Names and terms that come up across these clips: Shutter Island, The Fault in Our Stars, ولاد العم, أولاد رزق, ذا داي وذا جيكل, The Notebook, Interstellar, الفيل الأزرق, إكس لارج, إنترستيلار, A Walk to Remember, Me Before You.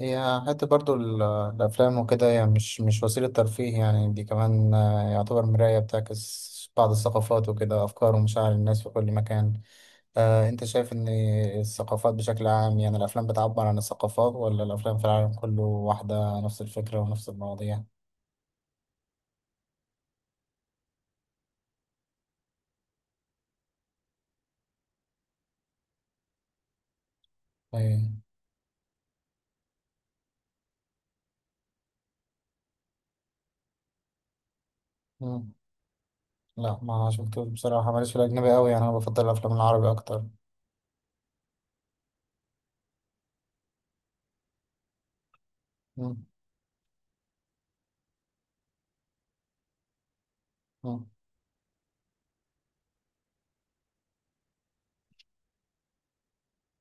هي حتى برضو الأفلام وكده هي مش وسيلة ترفيه، يعني دي كمان يعتبر مراية بتعكس بعض الثقافات وكده، أفكار ومشاعر الناس في كل مكان. أنت شايف إن الثقافات بشكل عام، يعني الأفلام بتعبر عن الثقافات ولا الأفلام في العالم كله واحدة، نفس الفكرة ونفس المواضيع؟ إيه. مم. لا، ما شفتوش بصراحة، ماليش في الأجنبي أوي، يعني أنا بفضل الأفلام العربي أكتر. مم. مم.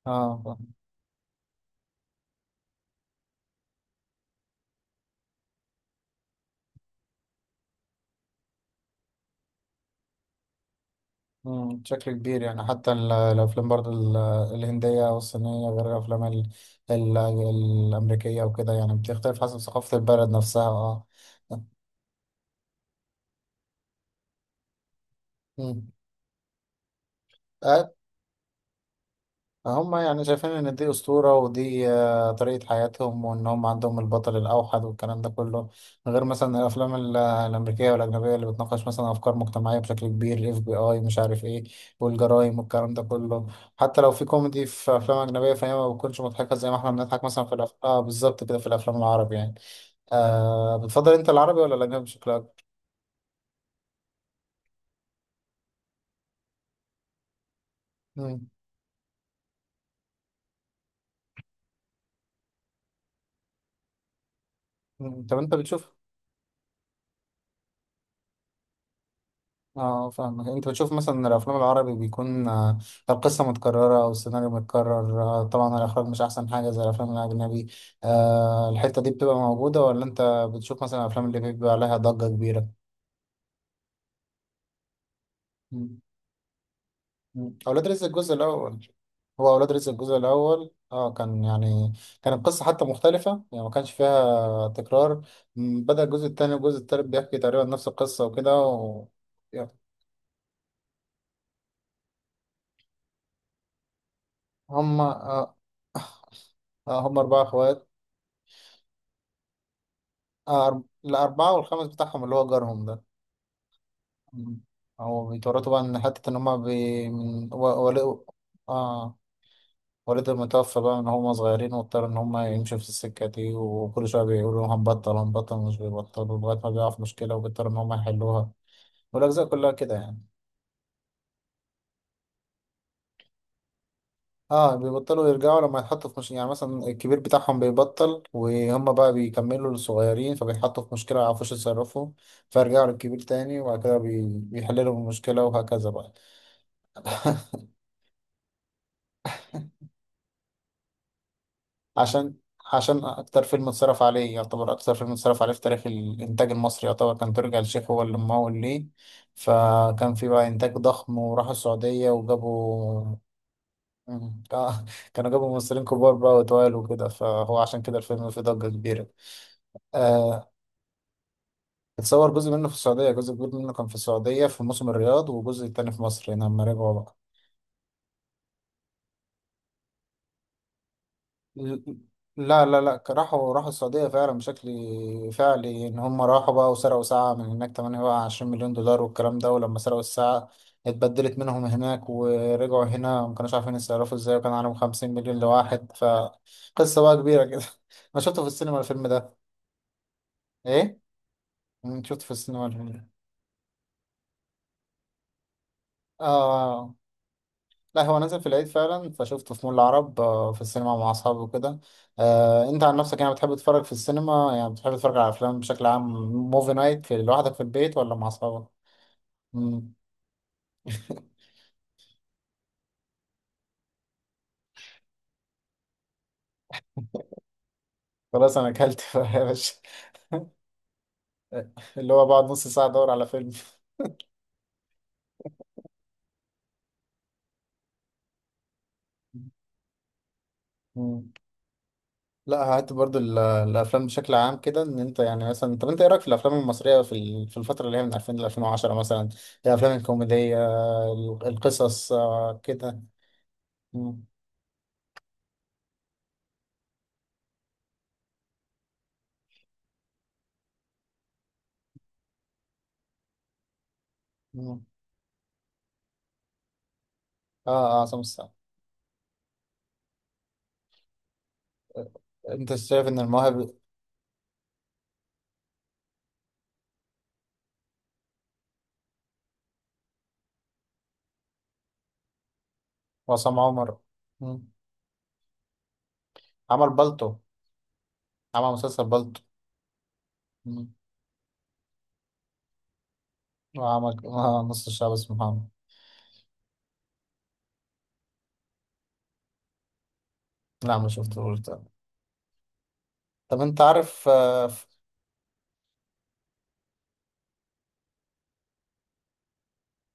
آه. مم، بشكل كبير، يعني حتى الأفلام برضو الهندية والصينية غير الأفلام ال ال الأمريكية وكده، يعني بتختلف حسب ثقافة البلد نفسها. اه. مم. هم يعني شايفين ان دي اسطوره، ودي طريقه حياتهم، وان هم عندهم البطل الاوحد والكلام ده كله. غير مثلا الافلام الامريكيه والاجنبيه اللي بتناقش مثلا افكار مجتمعيه بشكل كبير، الاف بي اي مش عارف ايه، والجرايم والكلام ده كله. حتى لو في كوميدي في افلام اجنبيه، فهي ما بتكونش مضحكه زي ما احنا بنضحك مثلا في اه بالظبط كده في الافلام العربي يعني. بتفضل انت العربي ولا الاجنبي بشكل اكبر؟ مم. مم. طب انت بتشوف. اه فاهمك، انت بتشوف مثلا الافلام العربي بيكون القصه متكرره او السيناريو متكرر، طبعا الاخراج مش احسن حاجه زي الافلام الاجنبي. الحته دي بتبقى موجوده ولا انت بتشوف مثلا الافلام اللي بيبقى عليها ضجه كبيره؟ مم. مم. اولاد رزق الجزء الاول. هو اولاد رزق الجزء الاول اه كان يعني كانت القصه حتى مختلفه، يعني ما كانش فيها تكرار. مم، بدا الجزء الثاني والجزء الثالث بيحكي تقريبا نفس القصه وكده و... هم آه، آه، هم اربعه اخوات. الأربعة والخامس بتاعهم اللي هو جارهم ده. مم. هو بيتورطوا بقى إن حتة إن هما من والد. آه، والد المتوفى بقى من هما صغيرين، واضطر إن هما يمشوا في السكة دي، وكل شوية بيقولوا هنبطل هنبطل مش بيبطلوا لغاية ما بيقع في مشكلة وبيضطروا إن هما يحلوها. والأجزاء كلها كده يعني. اه بيبطلوا يرجعوا لما يتحطوا في مش... يعني مثلا الكبير بتاعهم بيبطل وهم بقى بيكملوا للصغيرين، فبيتحطوا في مشكلة ما يعرفوش يتصرفوا، فيرجعوا للكبير تاني وبعد كده بيحللوا المشكلة، وهكذا بقى. عشان عشان اكتر فيلم اتصرف عليه، يعتبر اكتر فيلم اتصرف عليه في تاريخ الانتاج المصري، يعتبر كان ترجع الشيخ هو اللي ممول ليه. فكان في بقى انتاج ضخم، وراحوا السعودية وجابوا. مم. كانوا جابوا ممثلين كبار بقى وتوال وكده، فهو عشان كده الفيلم فيه ضجة كبيرة. آه. اتصور جزء منه في السعودية، جزء كبير منه كان في السعودية في موسم الرياض، وجزء تاني في مصر هنا لما رجعوا بقى. لا، لا، لا، راحوا السعودية فعلا، بشكل فعلي إن هم راحوا بقى وسرقوا ساعة من هناك 28 مليون دولار والكلام ده، ولما سرقوا الساعة اتبدلت منهم هناك ورجعوا هنا، ما كانوش عارفين يتصرفوا ازاي، وكان عليهم 50 مليون لواحد، فقصة بقى كبيرة كده. أنا شفته في السينما الفيلم ده. إيه؟ أمم، شفته في السينما الفيلم ده. آه. لا، هو نزل في العيد فعلا، فشفته في مول العرب، في السينما مع اصحابي وكده. انت عن نفسك يعني بتحب تتفرج في السينما، يعني بتحب تتفرج على افلام بشكل عام، موفي نايت في لوحدك في البيت ولا مع اصحابك؟ مم. خلاص انا اكلت بقى يا باشا. اللي هو بقعد نص ساعه ادور على فيلم. مم. لا، هات برضو الافلام بشكل عام كده، ان انت يعني مثلا، طب انت ايه رايك في الافلام المصريه في في الفتره اللي هي من 2000 ل 2010 مثلا، الافلام الكوميديه، القصص كده. مم. مم. اه اه سمس. انت شايف ان المواهب. وعصام عمر. مم. عمل بالطو. عمل مسلسل بالطو. مم. وعمل نص الشعب اسمه محمد. لا، ما شفتهوش ده. طب انت عارف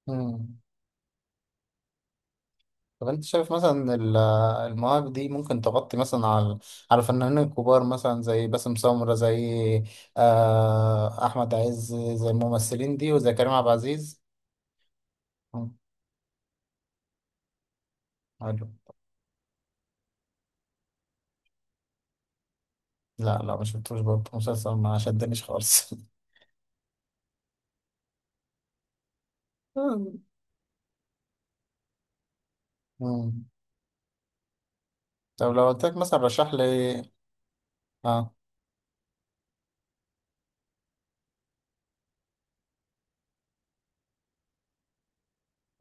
مم. طب انت شايف مثلا ان المواهب دي ممكن تغطي مثلا على على الفنانين الكبار، مثلا زي باسم سمرة، زي احمد عز، زي الممثلين دي، وزي كريم عبد العزيز. مم. حلو. لا، لا، ما شفتوش برضه مسلسل، ما شدنيش خالص. مم. طب لو قلت لك مثلا رشح لي. اه،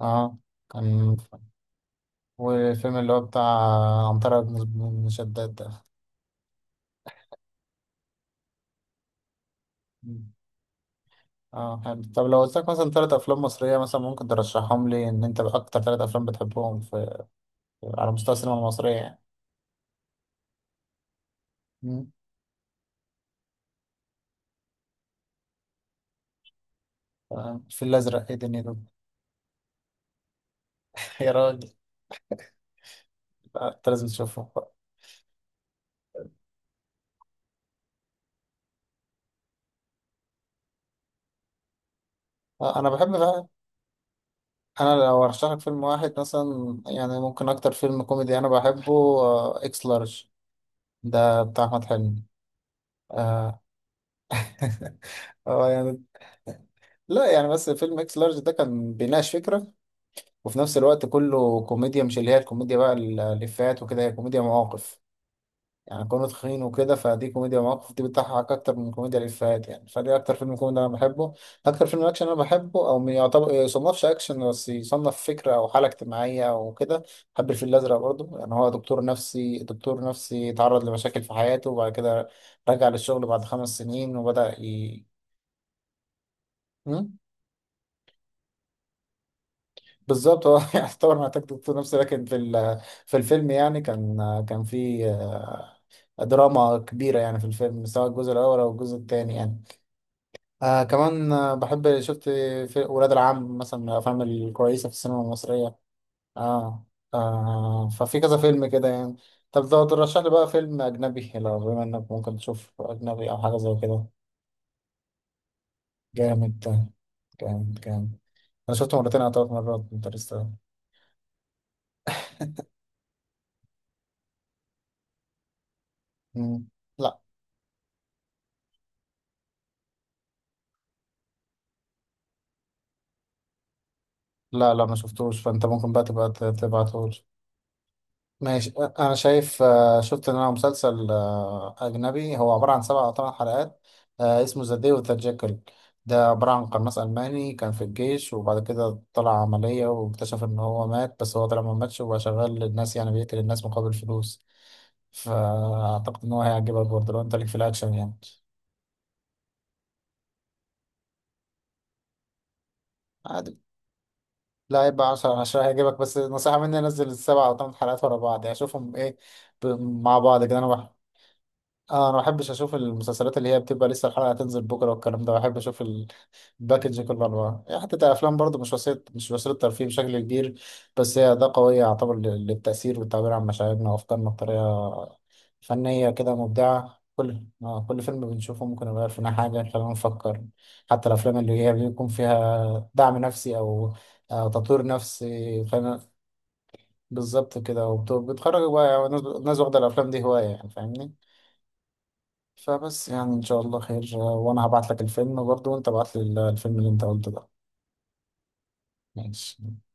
اه كان. والفيلم اللي هو بتاع عنترة بن شداد ده. مم. اه حلو، طب لو قلت لك مثلا ثلاث افلام مصريه، مثلا ممكن ترشحهم لي ان انت اكتر ثلاث افلام بتحبهم في، على مستوى السينما المصريه يعني. مم. الفيل الازرق، ايه دنيته. يا راجل. لا، انت لازم تشوفه. انا بحب بقى. انا لو ارشح لك فيلم واحد مثلا، يعني ممكن اكتر فيلم كوميدي انا بحبه اكس لارج، ده بتاع احمد حلمي. آه، اه يعني. لا يعني، بس فيلم اكس لارج ده كان بيناقش فكرة، وفي نفس الوقت كله كوميديا، مش اللي هي الكوميديا بقى الإفيهات وكده، هي كوميديا مواقف، يعني كونه تخين وكده، فدي كوميديا مواقف، دي بتضحك أكتر من كوميديا الإفيهات يعني، فدي أكتر فيلم كوميدي أنا بحبه. أكتر فيلم أكشن أنا بحبه، أو ما يعتبر يصنفش أكشن، بس يصنف فكرة أو حالة اجتماعية أو كده، بحب الفيل الأزرق برضه، يعني هو دكتور نفسي، دكتور نفسي تعرض لمشاكل في حياته، وبعد كده رجع للشغل بعد 5 سنين، وبدأ ي... م? بالظبط، هو يعتبر محتاج دكتور نفسي، لكن في في الفيلم يعني كان في دراما كبيرة يعني في الفيلم، سواء الجزء الأول أو الجزء الثاني يعني. آه كمان بحب شفت في ولاد العم مثلا، من الأفلام الكويسة في السينما المصرية. آه, آه ففي كذا فيلم كده يعني. طب ده ترشح لي بقى فيلم أجنبي، لو بما إنك ممكن تشوف أجنبي أو حاجة زي كده. جامد. جامد جامد. أنا شفته مرتين أو ثلاث مرات انترستيلر. لا، لا، لا، ما شفتوش، فانت ممكن بقى تبقى تبعتهولي. ماشي. انا شايف شفت ان انا مسلسل اجنبي، هو عباره عن سبع او ثمان حلقات، اسمه ذا داي وذا جيكل، ده عباره عن قناص الماني كان في الجيش، وبعد كده طلع عمليه واكتشف ان هو مات، بس هو طلع ما ماتش، وبقى شغال للناس، يعني بيقتل الناس مقابل فلوس، فاعتقد ان هو هيعجبك برضه لو انت ليك في الاكشن يعني. عادي. لا، يبقى 10 على 10 هيعجبك، بس نصيحة مني نزل السبع أو ثمان حلقات ورا بعض، يعني شوفهم إيه ب- مع بعض كده. أنا اه انا ما بحبش اشوف المسلسلات اللي هي بتبقى لسه الحلقه هتنزل بكره والكلام ده، بحب اشوف الباكج كله انواع، يعني حتى الافلام برضه مش وسيله ترفيه بشكل كبير، بس هي ده قويه يعتبر للتاثير والتعبير عن مشاعرنا وافكارنا بطريقه فنيه كده مبدعه. كل آه كل فيلم بنشوفه ممكن يغير فينا حاجه يخلينا نفكر، حتى الافلام اللي هي بيكون فيها دعم نفسي او آه تطوير نفسي خلينا. بالظبط كده، وبتخرج بقى يعني الناس واخده الافلام دي هوايه يعني فاهمني. فبس، يعني ان شاء الله خير. وانا هبعت لك الفيلم برضو، وانت بعت لي الفيلم اللي انت قلته ده. ماشي.